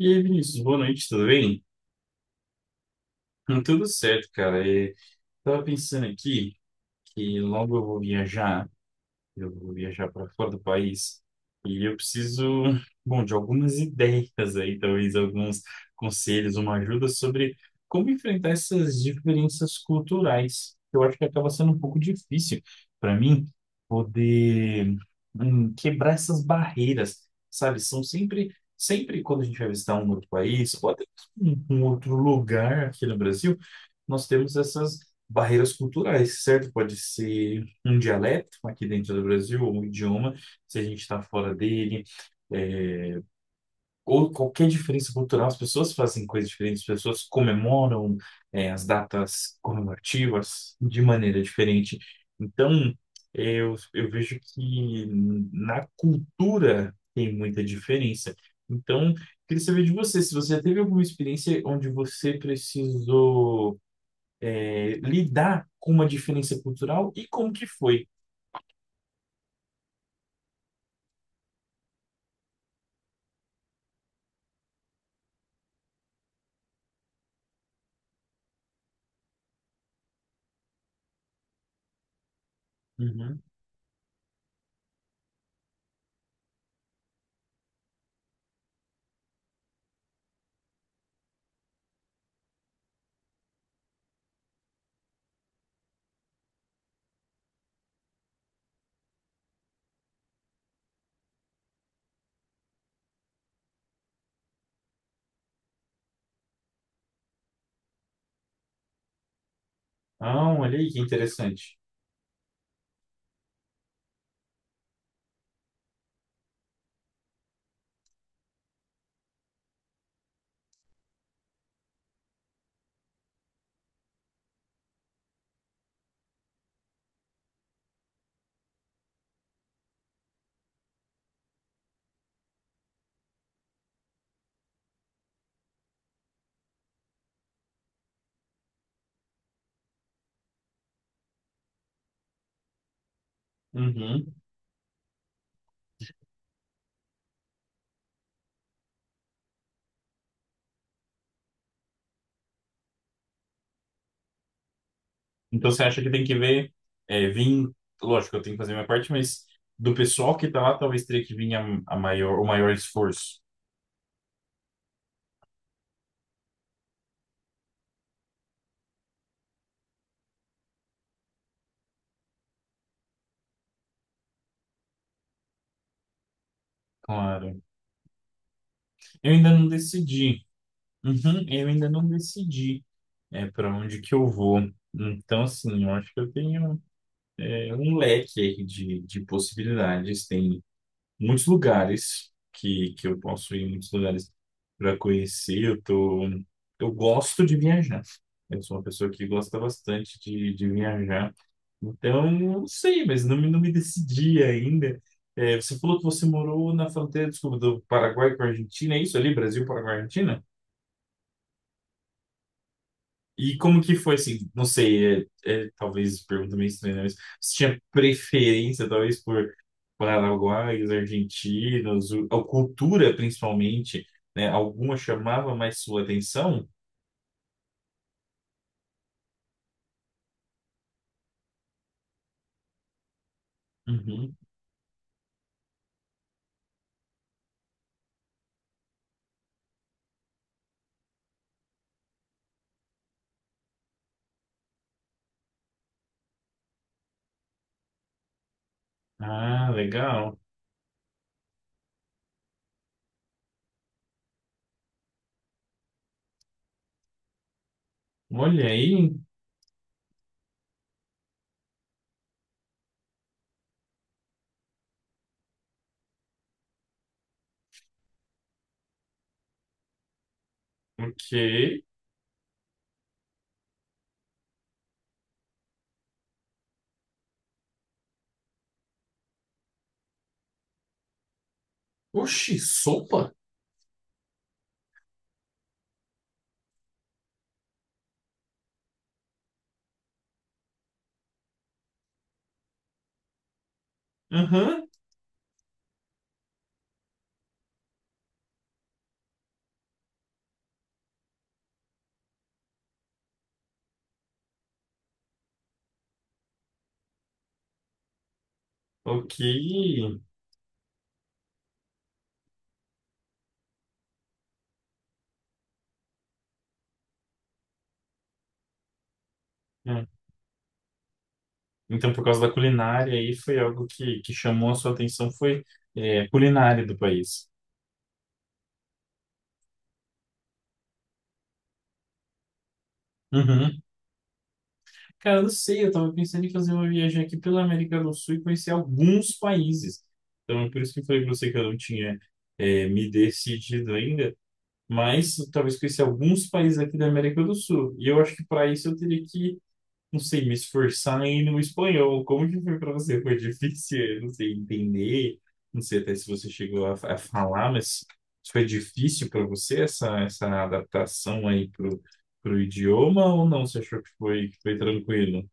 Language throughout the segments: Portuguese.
E aí, Vinícius, boa noite, tudo bem? Tudo certo, cara. E tava pensando aqui que logo eu vou viajar, eu vou viajar para fora do país, e eu preciso, bom, de algumas ideias aí, talvez alguns conselhos, uma ajuda sobre como enfrentar essas diferenças culturais. Eu acho que acaba sendo um pouco difícil para mim poder quebrar essas barreiras, sabe? São sempre quando a gente vai visitar um outro país, ou até um outro lugar aqui no Brasil, nós temos essas barreiras culturais, certo? Pode ser um dialeto aqui dentro do Brasil, ou um idioma, se a gente está fora dele, é, ou qualquer diferença cultural. As pessoas fazem coisas diferentes, as pessoas comemoram, as datas comemorativas de maneira diferente. Então, eu vejo que na cultura tem muita diferença. Então, queria saber de você, se você teve alguma experiência onde você precisou lidar com uma diferença cultural, e como que foi? Uhum. Ah, olha aí que interessante. Uhum. Então você acha que tem que ver, é, vir, lógico, eu tenho que fazer minha parte, mas do pessoal que tá lá, talvez teria que vir o maior esforço. Claro. Eu ainda não decidi. Uhum, eu ainda não decidi. Para onde que eu vou. Então, assim, eu acho que eu tenho, um leque aí de possibilidades. Tem muitos lugares que eu posso ir, muitos lugares para conhecer. Eu gosto de viajar. Eu sou uma pessoa que gosta bastante de viajar. Então, eu não sei, mas não me decidi ainda. É, você falou que você morou na fronteira, desculpa, do Paraguai com a Argentina, é isso ali? Brasil, Paraguai, Argentina? E como que foi, assim, não sei, talvez pergunta meio estranha, né, mas você tinha preferência, talvez, por paraguaios, argentinos, a cultura, principalmente, né? Alguma chamava mais sua atenção? Uhum. Ah, legal. Olha aí, ok. Oxi, sopa? Uhum. Ok. Hum. Então, por causa da culinária aí, foi algo que chamou a sua atenção, foi, a culinária do país. Uhum. Cara, eu não sei, eu tava pensando em fazer uma viagem aqui pela América do Sul e conhecer alguns países. Então, é por isso que eu falei pra você que eu não tinha me decidido ainda, mas talvez conhecer alguns países aqui da América do Sul. E eu acho que para isso eu teria que, não sei, me esforçar em ir no espanhol. Como que foi para você? Foi difícil, eu não sei, entender, não sei até se você chegou a falar, mas foi difícil para você essa adaptação aí pro idioma, ou não? Você achou que foi tranquilo?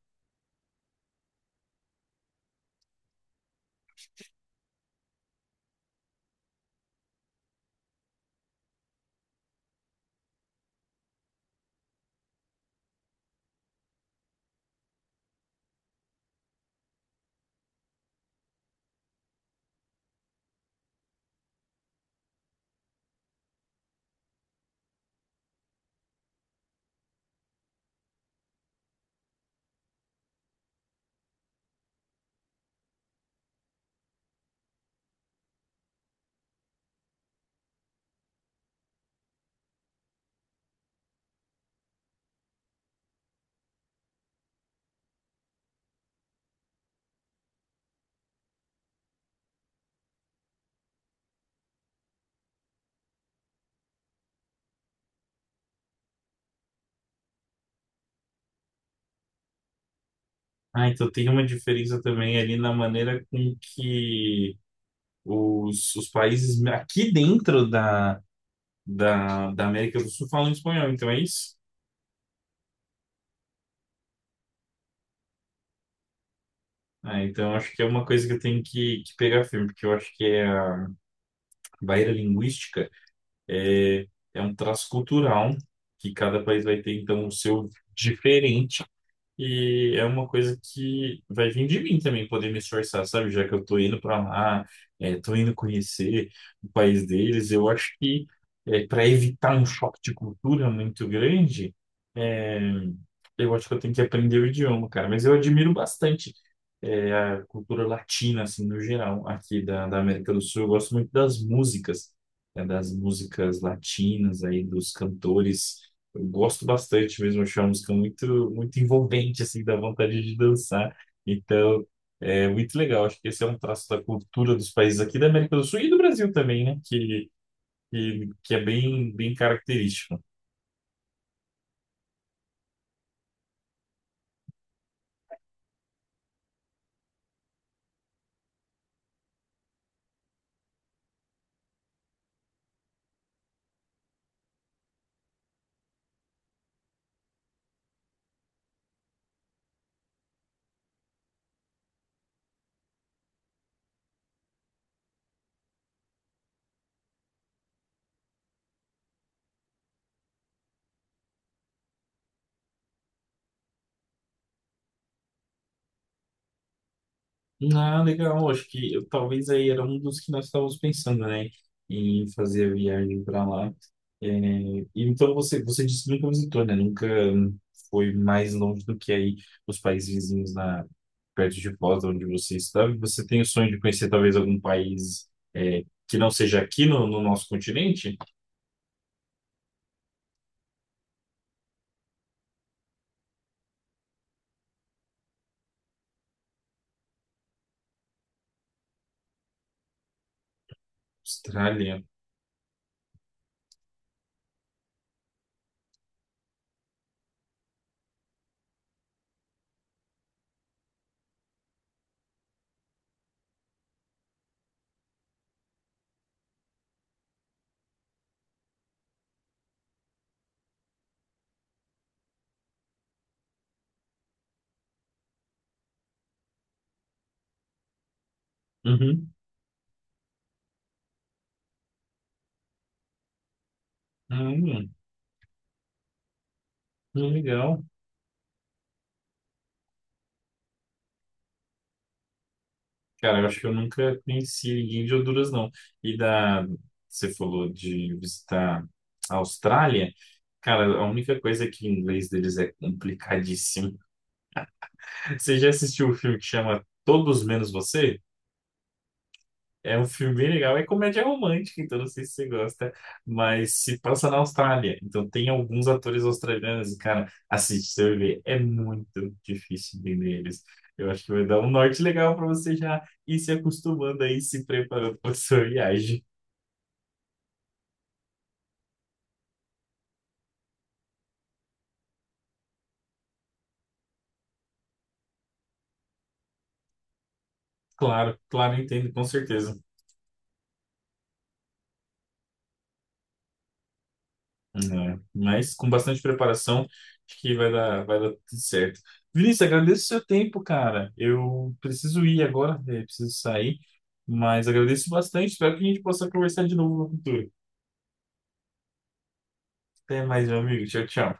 Ah, então tem uma diferença também ali na maneira com que os países aqui dentro da América do Sul falam espanhol, então é isso? Ah, então acho que é uma coisa que eu tenho que pegar firme, porque eu acho que é a barreira linguística, é, é um traço cultural que cada país vai ter, então, o seu diferente. E é uma coisa que vai vir de mim também poder me esforçar, sabe? Já que eu tô indo para lá, tô indo conhecer o país deles, eu acho que para evitar um choque de cultura muito grande, é, eu acho que eu tenho que aprender o idioma, cara. Mas eu admiro bastante, a cultura latina, assim, no geral, aqui da América do Sul. Eu gosto muito das músicas, né, das músicas latinas aí, dos cantores, eu gosto bastante mesmo, acho uma música muito envolvente, assim, dá vontade de dançar. Então, é muito legal. Acho que esse é um traço da cultura dos países aqui da América do Sul e do Brasil também, né? Que é bem característico. Ah, legal. Acho que talvez aí era um dos que nós estávamos pensando, né? Em fazer a viagem para lá. É, e então, você disse que nunca visitou, né? Nunca foi mais longe do que aí os países vizinhos na perto de Foz, onde você está, e você tem o sonho de conhecer talvez algum país é, que não seja aqui no, no nosso continente? Austrália. Uhum. Hum, legal. Cara, eu acho que eu nunca conheci ninguém de Honduras, não. E da, você falou de visitar a Austrália. Cara, a única coisa é que o inglês deles é complicadíssimo. Você já assistiu o filme que chama Todos Menos Você? É um filme bem legal. É comédia romântica, então não sei se você gosta, mas se passa na Austrália. Então tem alguns atores australianos, e, cara, assiste, você vai ver. É muito difícil entender eles. Eu acho que vai dar um norte legal para você já ir se acostumando aí, se preparando para sua viagem. Claro, claro, entendo, com certeza. Né? Mas com bastante preparação, acho que vai dar tudo certo. Vinícius, agradeço o seu tempo, cara. Eu preciso ir agora, preciso sair, mas agradeço bastante. Espero que a gente possa conversar de novo no futuro. Até mais, meu amigo. Tchau, tchau.